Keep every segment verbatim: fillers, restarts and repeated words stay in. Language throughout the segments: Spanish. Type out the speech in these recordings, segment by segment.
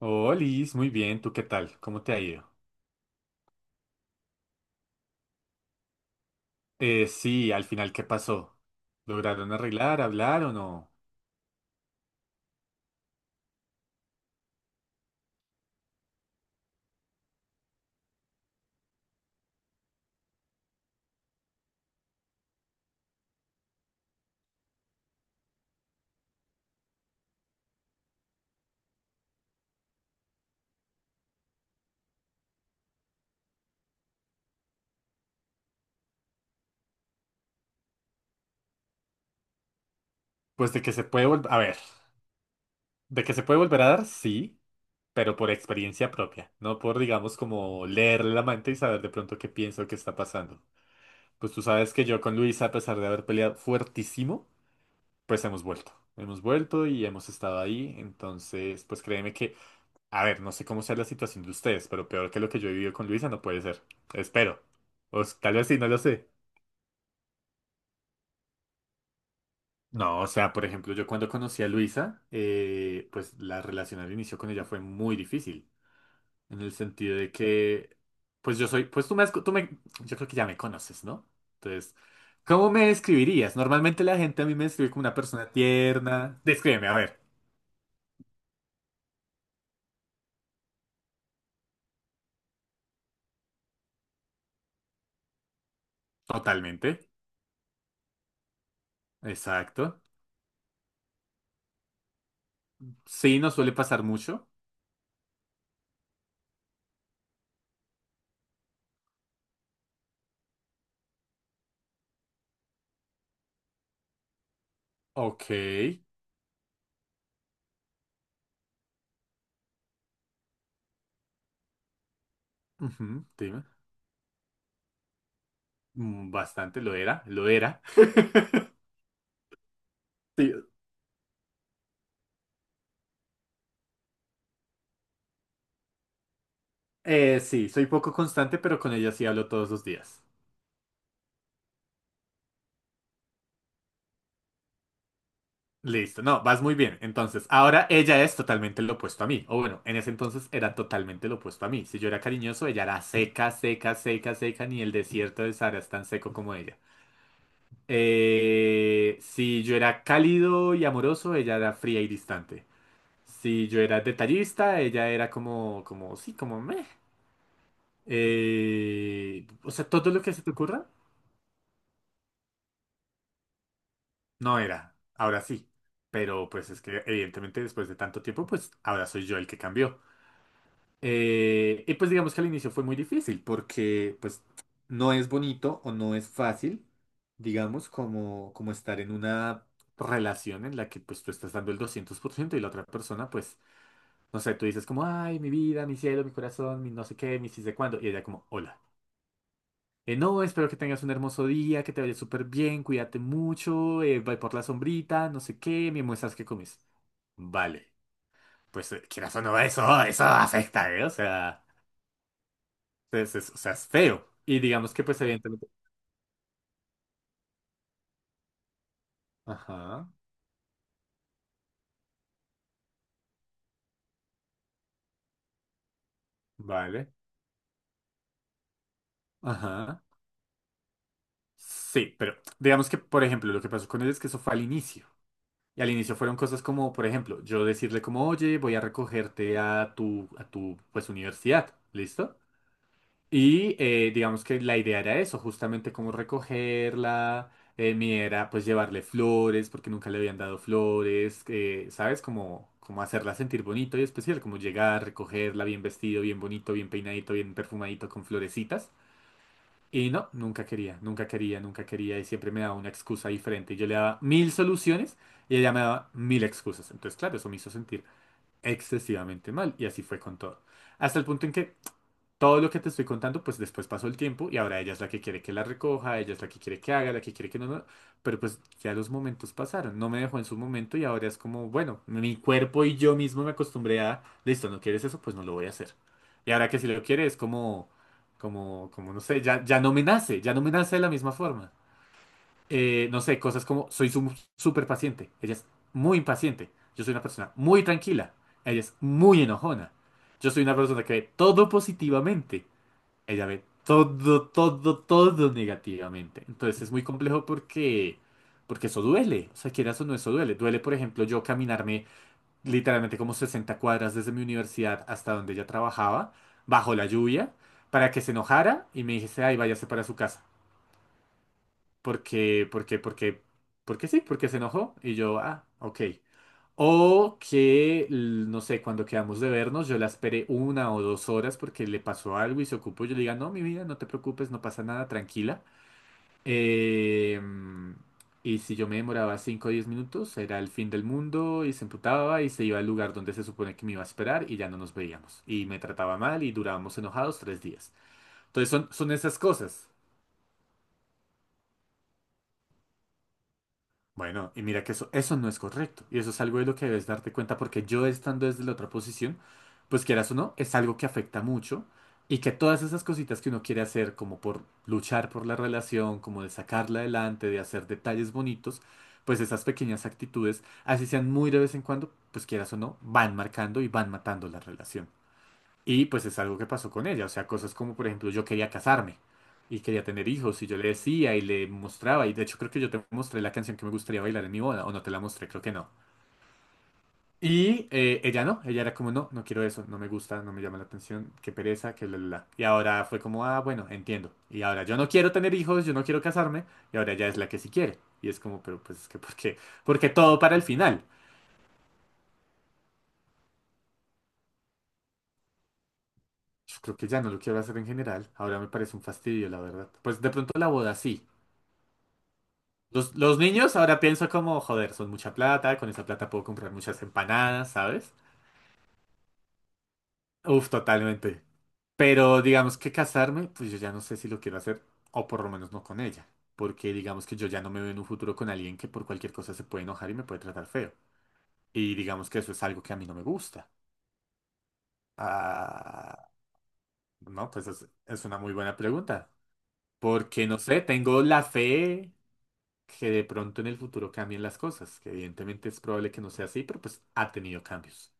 Oh, Liz, muy bien. ¿Tú qué tal? ¿Cómo te ha ido? Eh, sí, al final, ¿qué pasó? ¿Lograron arreglar, hablar o no? Pues de que se puede volver... A ver, de que se puede volver a dar, sí, pero por experiencia propia, no por, digamos, como leerle la mente y saber de pronto qué pienso que está pasando. Pues tú sabes que yo con Luisa, a pesar de haber peleado fuertísimo, pues hemos vuelto. Hemos vuelto y hemos estado ahí. Entonces, pues créeme que a ver, no sé cómo sea la situación de ustedes, pero peor que lo que yo he vivido con Luisa no puede ser. Espero. O s- tal vez sí, no lo sé. No, o sea, por ejemplo, yo cuando conocí a Luisa, eh, pues la relación al inicio con ella fue muy difícil. En el sentido de que, pues yo soy, pues tú me, has co- tú me, yo creo que ya me conoces, ¿no? Entonces, ¿cómo me describirías? Normalmente la gente a mí me describe como una persona tierna. Descríbeme, a ver. Totalmente. Exacto. Sí, no suele pasar mucho. Ok. Ujú, dime. Mm, Bastante, lo era, lo era. Sí, eh, sí, soy poco constante, pero con ella sí hablo todos los días. Listo, no, vas muy bien. Entonces, ahora ella es totalmente lo opuesto a mí. O bueno, en ese entonces era totalmente lo opuesto a mí. Si yo era cariñoso, ella era seca, seca, seca, seca, ni el desierto de Sahara es tan seco como ella. Eh, si yo era cálido y amoroso, ella era fría y distante. Si yo era detallista, ella era como, como, sí, como meh. Eh, o sea, todo lo que se te ocurra, no era, ahora sí. Pero pues es que evidentemente después de tanto tiempo, pues ahora soy yo el que cambió. Eh, y pues digamos que al inicio fue muy difícil porque pues no es bonito o no es fácil, digamos, como, como estar en una relación en la que pues tú estás dando el doscientos por ciento y la otra persona pues, no sé, tú dices como, ay, mi vida, mi cielo, mi corazón, mi no sé qué, mi sí sé cuándo. Y ella como, hola. Eh, no, espero que tengas un hermoso día, que te vaya súper bien, cuídate mucho, eh, ve por la sombrita, no sé qué, me muestras qué comes. Vale, pues eh, quieras o no, eso, eso afecta, ¿eh? O sea, es, es- o sea, es feo. Y digamos que pues evidentemente... Ajá, vale, ajá. Sí, pero digamos que, por ejemplo, lo que pasó con él es que eso fue al inicio. Y al inicio fueron cosas como, por ejemplo, yo decirle como, oye, voy a recogerte a tu, a tu, pues, universidad, ¿listo? Y eh, digamos que la idea era eso, justamente como recogerla. Eh, mi idea era pues llevarle flores, porque nunca le habían dado flores, eh, ¿sabes? Como, como hacerla sentir bonito y especial, como llegar, recogerla bien vestido, bien bonito, bien peinadito, bien perfumadito, con florecitas. Y no, nunca quería, nunca quería, nunca quería y siempre me daba una excusa diferente. Yo le daba mil soluciones y ella me daba mil excusas. Entonces, claro, eso me hizo sentir excesivamente mal y así fue con todo. Hasta el punto en que todo lo que te estoy contando, pues después pasó el tiempo y ahora ella es la que quiere que la recoja, ella es la que quiere que haga, la que quiere que no, no. Pero pues ya los momentos pasaron, no me dejó en su momento y ahora es como, bueno, mi cuerpo y yo mismo me acostumbré a, listo, no quieres eso, pues no lo voy a hacer. Y ahora que si lo quiere es como, como, como, no sé, ya, ya no me nace, ya no me nace de la misma forma. Eh, no sé, cosas como, soy su- súper paciente, ella es muy impaciente, yo soy una persona muy tranquila, ella es muy enojona, yo soy una persona que ve todo positivamente. Ella ve todo, todo, todo negativamente. Entonces es muy complejo porque, porque eso duele. O sea, quieras o no, eso duele. Duele, por ejemplo, yo caminarme literalmente como sesenta cuadras desde mi universidad hasta donde ella trabajaba, bajo la lluvia, para que se enojara y me dijese, ay, váyase para su casa. Porque, porque, porque, porque sí, porque se enojó. Y yo, ah, ok. O que, l- no sé, cuando quedamos de vernos, yo la esperé una o dos horas porque le pasó algo y se ocupó. Yo le diga, no, mi vida, no te preocupes, no pasa nada, tranquila. Eh, y si yo me demoraba cinco o diez minutos, era el fin del mundo y se emputaba y se iba al lugar donde se supone que me iba a esperar y ya no nos veíamos. Y me trataba mal y durábamos enojados tres días. Entonces son, son esas cosas. Bueno, y mira que eso, eso no es correcto. Y eso es algo de lo que debes darte cuenta porque yo estando desde la otra posición, pues quieras o no, es algo que afecta mucho y que todas esas cositas que uno quiere hacer como por luchar por la relación, como de sacarla adelante, de hacer detalles bonitos, pues esas pequeñas actitudes, así sean muy de vez en cuando, pues quieras o no, van marcando y van matando la relación. Y pues es algo que pasó con ella, o sea, cosas como por ejemplo yo quería casarme y quería tener hijos y yo le decía y le mostraba y de hecho creo que yo te mostré la canción que me gustaría bailar en mi boda o no te la mostré, creo que no. Y eh, ella no, ella era como no, no quiero eso, no me gusta, no me llama la atención, qué pereza, que bla bla bla. Y ahora fue como, ah, bueno, entiendo. Y ahora yo no quiero tener hijos, yo no quiero casarme y ahora ella es la que sí quiere. Y es como, pero pues es que ¿por qué? Porque todo para el final. Yo creo que ya no lo quiero hacer en general, ahora me parece un fastidio, la verdad. Pues de pronto la boda sí. Los, los niños ahora pienso como, joder, son mucha plata, con esa plata puedo comprar muchas empanadas, ¿sabes? Uf, totalmente. Pero digamos que casarme, pues yo ya no sé si lo quiero hacer, o por lo menos no con ella, porque digamos que yo ya no me veo en un futuro con alguien que por cualquier cosa se puede enojar y me puede tratar feo. Y digamos que eso es algo que a mí no me gusta. Ah, no, pues es, es una muy buena pregunta, porque no sé, tengo la fe que de pronto en el futuro cambien las cosas, que evidentemente es probable que no sea así, pero pues ha tenido cambios.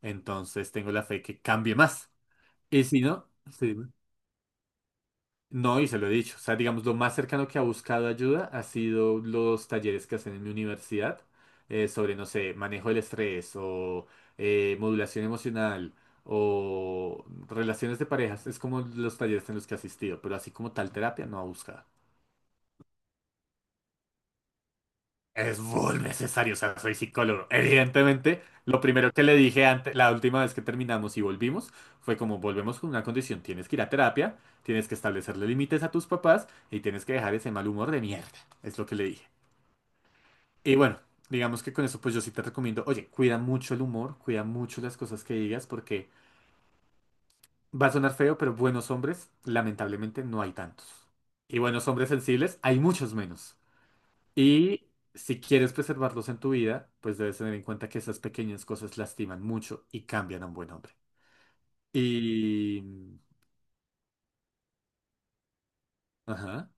Entonces tengo la fe que cambie más. Y si no, sí, dime. No, y se lo he dicho. O sea, digamos, lo más cercano que ha buscado ayuda ha sido los talleres que hacen en mi universidad eh, sobre, no sé, manejo del estrés o eh, modulación emocional o relaciones de parejas. Es como los talleres en los que he asistido, pero así como tal terapia no ha buscado. Es muy necesario, o sea, soy psicólogo. Evidentemente, lo primero que le dije antes, la última vez que terminamos y volvimos, fue como volvemos con una condición, tienes que ir a terapia, tienes que establecerle límites a tus papás y tienes que dejar ese mal humor de mierda. Es lo que le dije. Y bueno, digamos que con eso pues yo sí te recomiendo, oye, cuida mucho el humor, cuida mucho las cosas que digas porque va a sonar feo, pero buenos hombres lamentablemente no hay tantos. Y buenos hombres sensibles hay muchos menos. Y si quieres preservarlos en tu vida, pues debes tener en cuenta que esas pequeñas cosas lastiman mucho y cambian a un buen hombre. Y... mm, ajá,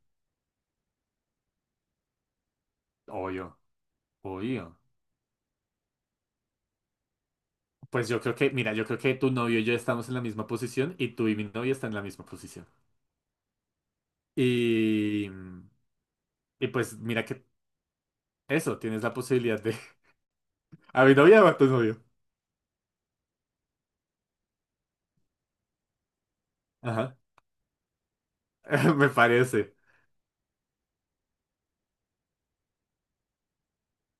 obvio, obvio. Pues yo creo que, mira, yo creo que tu novio y yo estamos en la misma posición y tú y mi novia están en la misma posición. Y... mm, Y pues mira que eso, tienes la posibilidad de... ¿A mi novia o a tu novio? Ajá, me parece.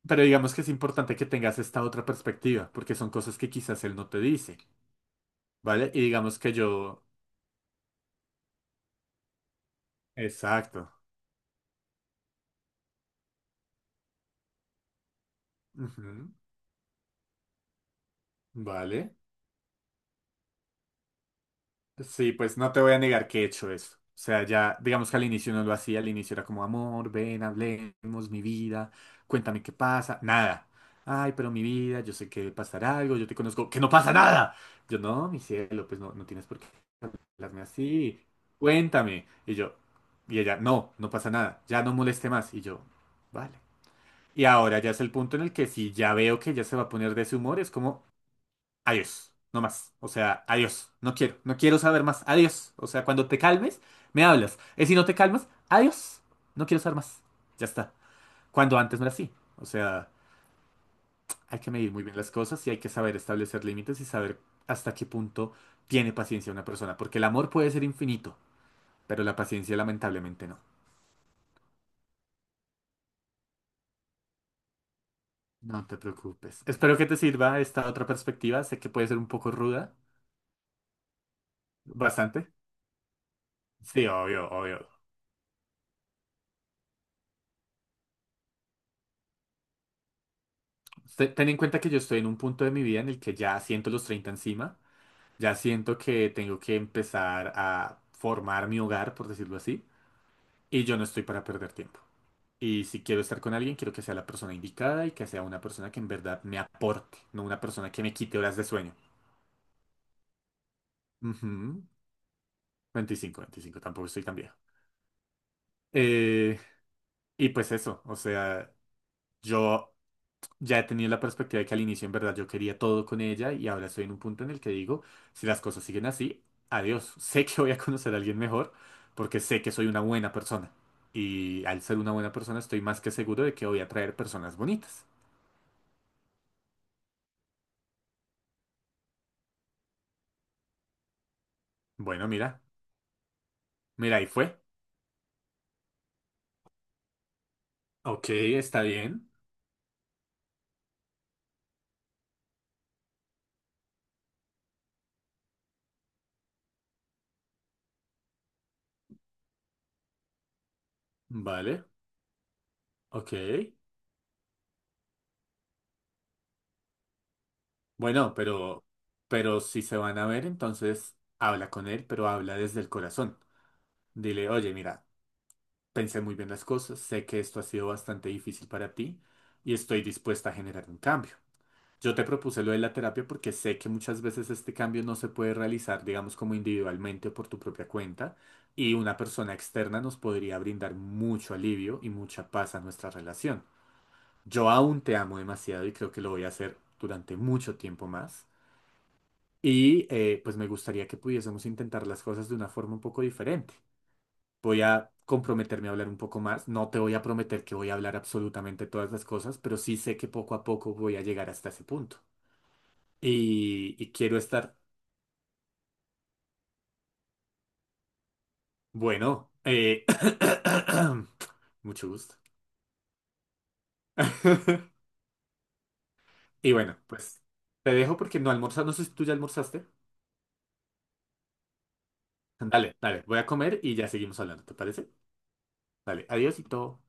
Pero digamos que es importante que tengas esta otra perspectiva, porque son cosas que quizás él no te dice. ¿Vale? Y digamos que yo, exacto. Ujú. Vale. Sí, pues no te voy a negar que he hecho eso. O sea, ya, digamos que al inicio no lo hacía, al inicio era como, amor, ven, hablemos, mi vida, cuéntame qué pasa, nada. Ay, pero mi vida, yo sé que pasará algo, yo te conozco, que no pasa nada. Yo, no, mi cielo, pues no, no tienes por qué hablarme así, cuéntame. Y yo, y ella, no, no pasa nada, ya no moleste más. Y yo, vale. Y ahora ya es el punto en el que si ya veo que ella se va a poner de ese humor, es como... adiós, no más. O sea, adiós, no quiero, no quiero saber más, adiós. O sea, cuando te calmes, me hablas. Y si no te calmas, adiós, no quiero saber más. Ya está. Cuando antes no era así. O sea, hay que medir muy bien las cosas y hay que saber establecer límites y saber hasta qué punto tiene paciencia una persona. Porque el amor puede ser infinito, pero la paciencia lamentablemente no. No te preocupes. Espero que te sirva esta otra perspectiva. Sé que puede ser un poco ruda. Bastante. Sí, obvio, obvio. Te- Ten en cuenta que yo estoy en un punto de mi vida en el que ya siento los treinta encima, ya siento que tengo que empezar a formar mi hogar, por decirlo así, y yo no estoy para perder tiempo. Y si quiero estar con alguien, quiero que sea la persona indicada y que sea una persona que en verdad me aporte, no una persona que me quite horas de sueño. Ujú. veinticinco, tampoco estoy tan viejo. Eh, y pues eso, o sea, yo ya he tenido la perspectiva de que al inicio en verdad yo quería todo con ella y ahora estoy en un punto en el que digo, si las cosas siguen así, adiós. Sé que voy a conocer a alguien mejor porque sé que soy una buena persona. Y al ser una buena persona estoy más que seguro de que voy a traer personas bonitas. Bueno, mira, mira, ahí fue. Ok, está bien. Vale, ok. Bueno, pero, pero si se van a ver, entonces habla con él, pero habla desde el corazón. Dile, oye, mira, pensé muy bien las cosas, sé que esto ha sido bastante difícil para ti y estoy dispuesta a generar un cambio. Yo te propuse lo de la terapia porque sé que muchas veces este cambio no se puede realizar, digamos, como individualmente o por tu propia cuenta y una persona externa nos podría brindar mucho alivio y mucha paz a nuestra relación. Yo aún te amo demasiado y creo que lo voy a hacer durante mucho tiempo más y eh, pues me gustaría que pudiésemos intentar las cosas de una forma un poco diferente. Voy a comprometerme a hablar un poco más. No te voy a prometer que voy a hablar absolutamente todas las cosas, pero sí sé que poco a poco voy a llegar hasta ese punto. Y, y quiero estar, bueno, eh, mucho gusto. Y bueno, pues te dejo porque no almorzas. No sé si tú ya almorzaste. Dale, dale, voy a comer y ya seguimos hablando, ¿te parece? Dale, adiós y todo.